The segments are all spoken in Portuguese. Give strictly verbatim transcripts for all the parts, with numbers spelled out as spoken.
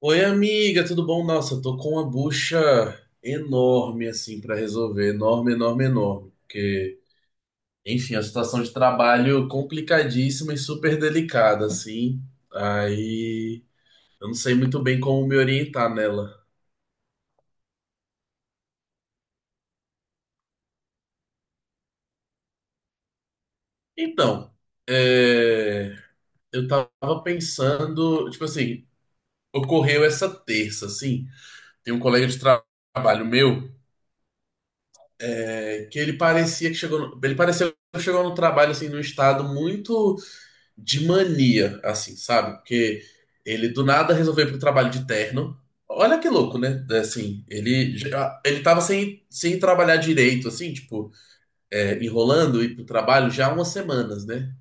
Oi, amiga, tudo bom? Nossa, eu tô com uma bucha enorme, assim, pra resolver. Enorme, enorme, enorme. Porque, enfim, a situação de trabalho complicadíssima e super delicada, assim. Aí, eu não sei muito bem como me orientar nela. Então, é, eu tava pensando, tipo assim, ocorreu essa terça, assim. Tem um colega de tra- trabalho meu, é, que ele parecia que chegou, no- ele pareceu que chegou no trabalho, assim, num estado muito de mania, assim, sabe? Porque ele do nada resolveu ir pro trabalho de terno. Olha que louco, né? É, assim, ele já, ele tava sem, sem trabalhar direito, assim, tipo, é, enrolando ir pro trabalho já há umas semanas, né?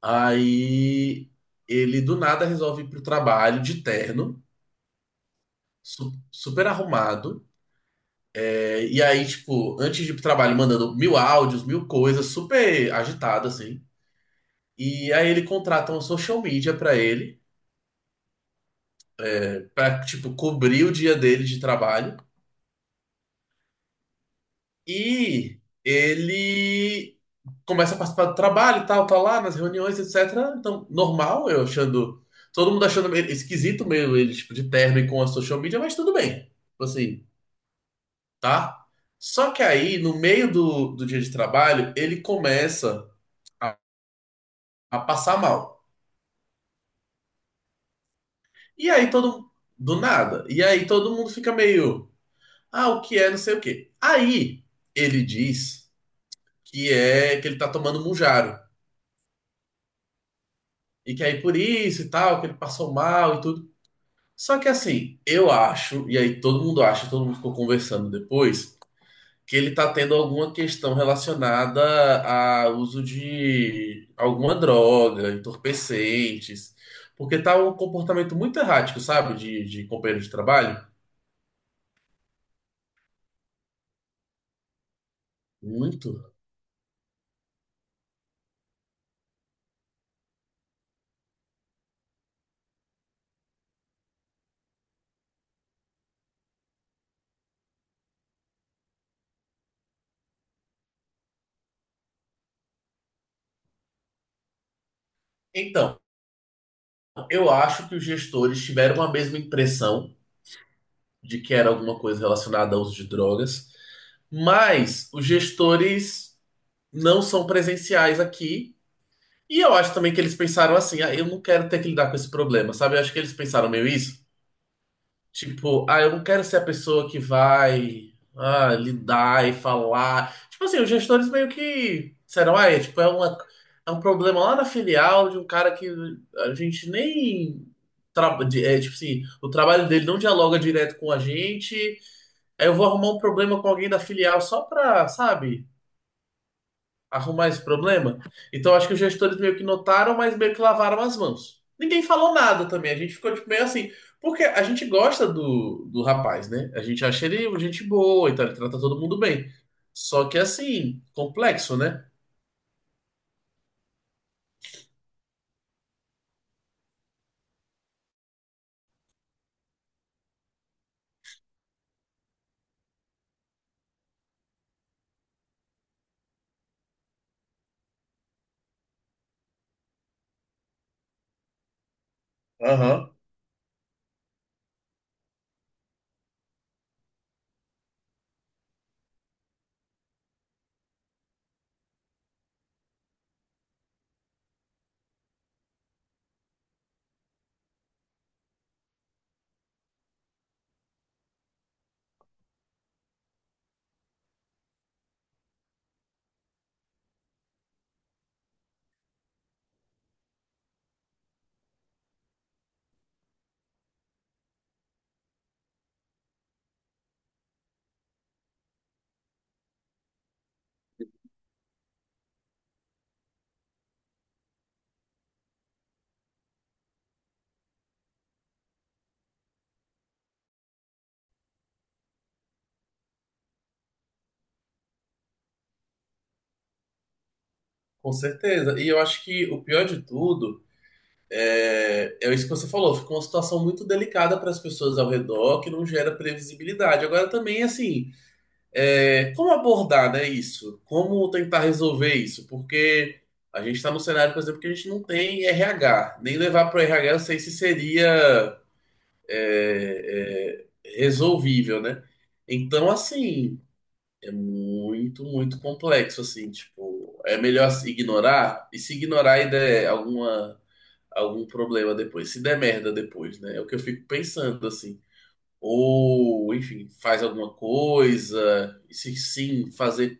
Aí ele do nada resolve ir pro trabalho de terno, su- super arrumado. É, e aí, tipo, antes de ir pro trabalho, mandando mil áudios, mil coisas, super agitado, assim. E aí ele contrata uma social media pra ele, pra, tipo, cobrir o dia dele de trabalho. E ele começa a participar do trabalho e tal, tá lá nas reuniões, etcétera. Então, normal, eu achando. Todo mundo achando meio esquisito meio ele, tipo, de terno e com a social media, mas tudo bem. Tipo assim, tá? Só que aí, no meio do, do dia de trabalho, ele começa a, a passar mal. E aí todo. Do nada. E aí todo mundo fica meio. Ah, o que é, não sei o quê. Aí ele diz que é que ele tá tomando Mounjaro. E que aí por isso e tal, que ele passou mal e tudo. Só que assim, eu acho, e aí todo mundo acha, todo mundo ficou conversando depois, que ele tá tendo alguma questão relacionada a uso de alguma droga, entorpecentes. Porque tá um comportamento muito errático, sabe? De, de companheiro de trabalho. Muito. Então, eu acho que os gestores tiveram a mesma impressão de que era alguma coisa relacionada ao uso de drogas. Mas os gestores não são presenciais aqui. E eu acho também que eles pensaram assim: ah, eu não quero ter que lidar com esse problema, sabe? Eu acho que eles pensaram meio isso. Tipo, ah, eu não quero ser a pessoa que vai ah, lidar e falar. Tipo assim, os gestores meio que disseram: ah, é, tipo, é uma, é um problema lá na filial de um cara que a gente nem. tra- de- É, tipo assim, o trabalho dele não dialoga direto com a gente, eu vou arrumar um problema com alguém da filial só pra, sabe, arrumar esse problema. Então acho que os gestores meio que notaram, mas meio que lavaram as mãos. Ninguém falou nada também, a gente ficou tipo, meio assim. Porque a gente gosta do, do rapaz, né? A gente acha ele gente boa, então ele trata todo mundo bem. Só que assim, complexo, né? Aham, com certeza. E eu acho que o pior de tudo é é isso que você falou, ficou uma situação muito delicada para as pessoas ao redor, que não gera previsibilidade. Agora também, assim, é, como abordar, né, isso? Como tentar resolver isso? Porque a gente está num cenário, por exemplo, que a gente não tem R H. Nem levar para o R H eu sei se seria é, é, resolvível, né? Então, assim, é muito, muito complexo, assim, tipo, é melhor se ignorar e se ignorar e der alguma, algum problema depois, se der merda depois, né? É o que eu fico pensando, assim. Ou, enfim, faz alguma coisa, e se sim, fazer.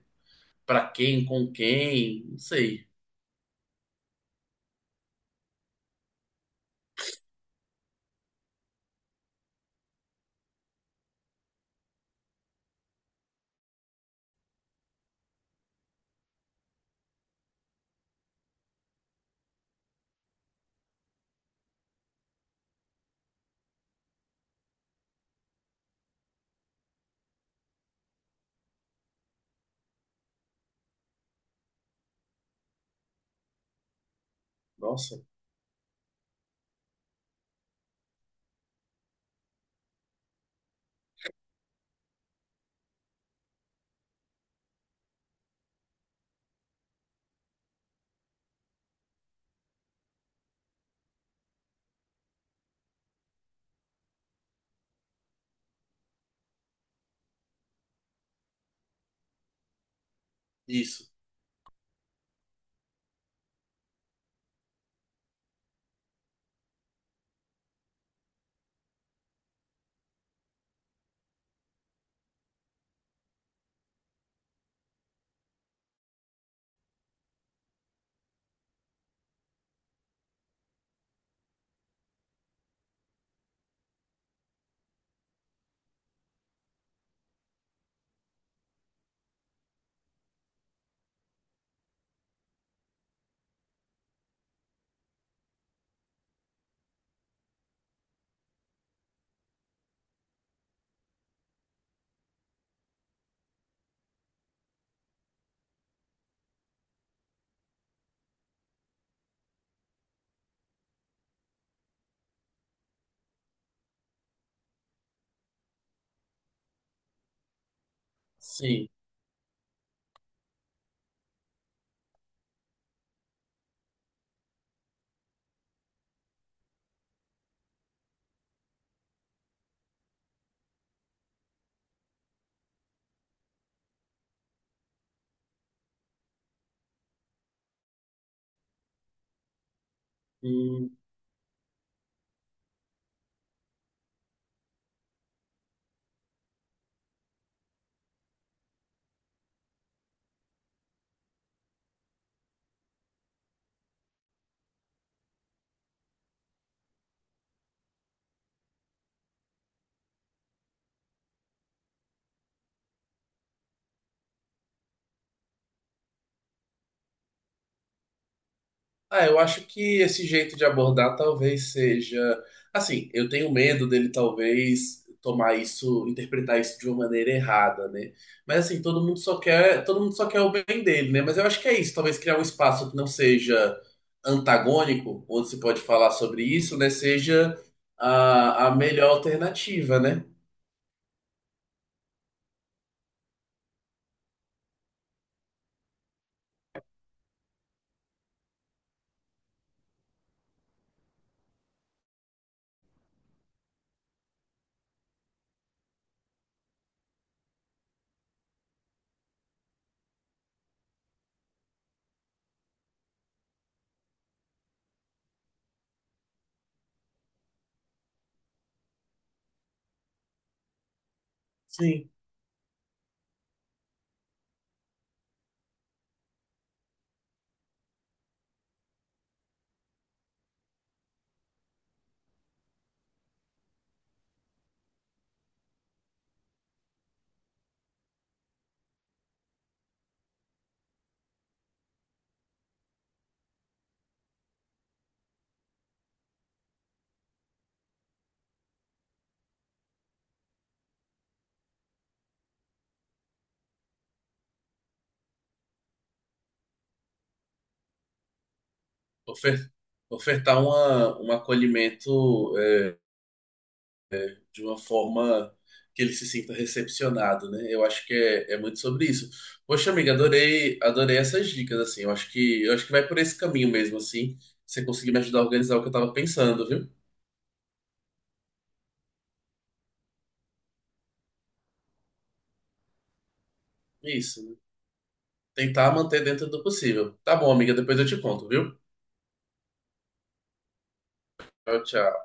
Pra quem, com quem, não sei. Nossa, isso. Sim. Hum. Ah, eu acho que esse jeito de abordar talvez seja. Assim, eu tenho medo dele talvez tomar isso, interpretar isso de uma maneira errada, né? Mas assim, todo mundo só quer, todo mundo só quer o bem dele, né? Mas eu acho que é isso, talvez criar um espaço que não seja antagônico, onde se pode falar sobre isso, né? Seja a, a melhor alternativa, né? Sim. ofer- ofertar uma, um acolhimento é, de uma forma que ele se sinta recepcionado, né? Eu acho que é, é muito sobre isso. Poxa, amiga, adorei, adorei essas dicas, assim. Eu acho que, eu acho que vai por esse caminho mesmo, assim. Você conseguir me ajudar a organizar o que eu tava pensando, viu? Isso, né? Tentar manter dentro do possível. Tá bom, amiga, depois eu te conto, viu? Tchau, tchau.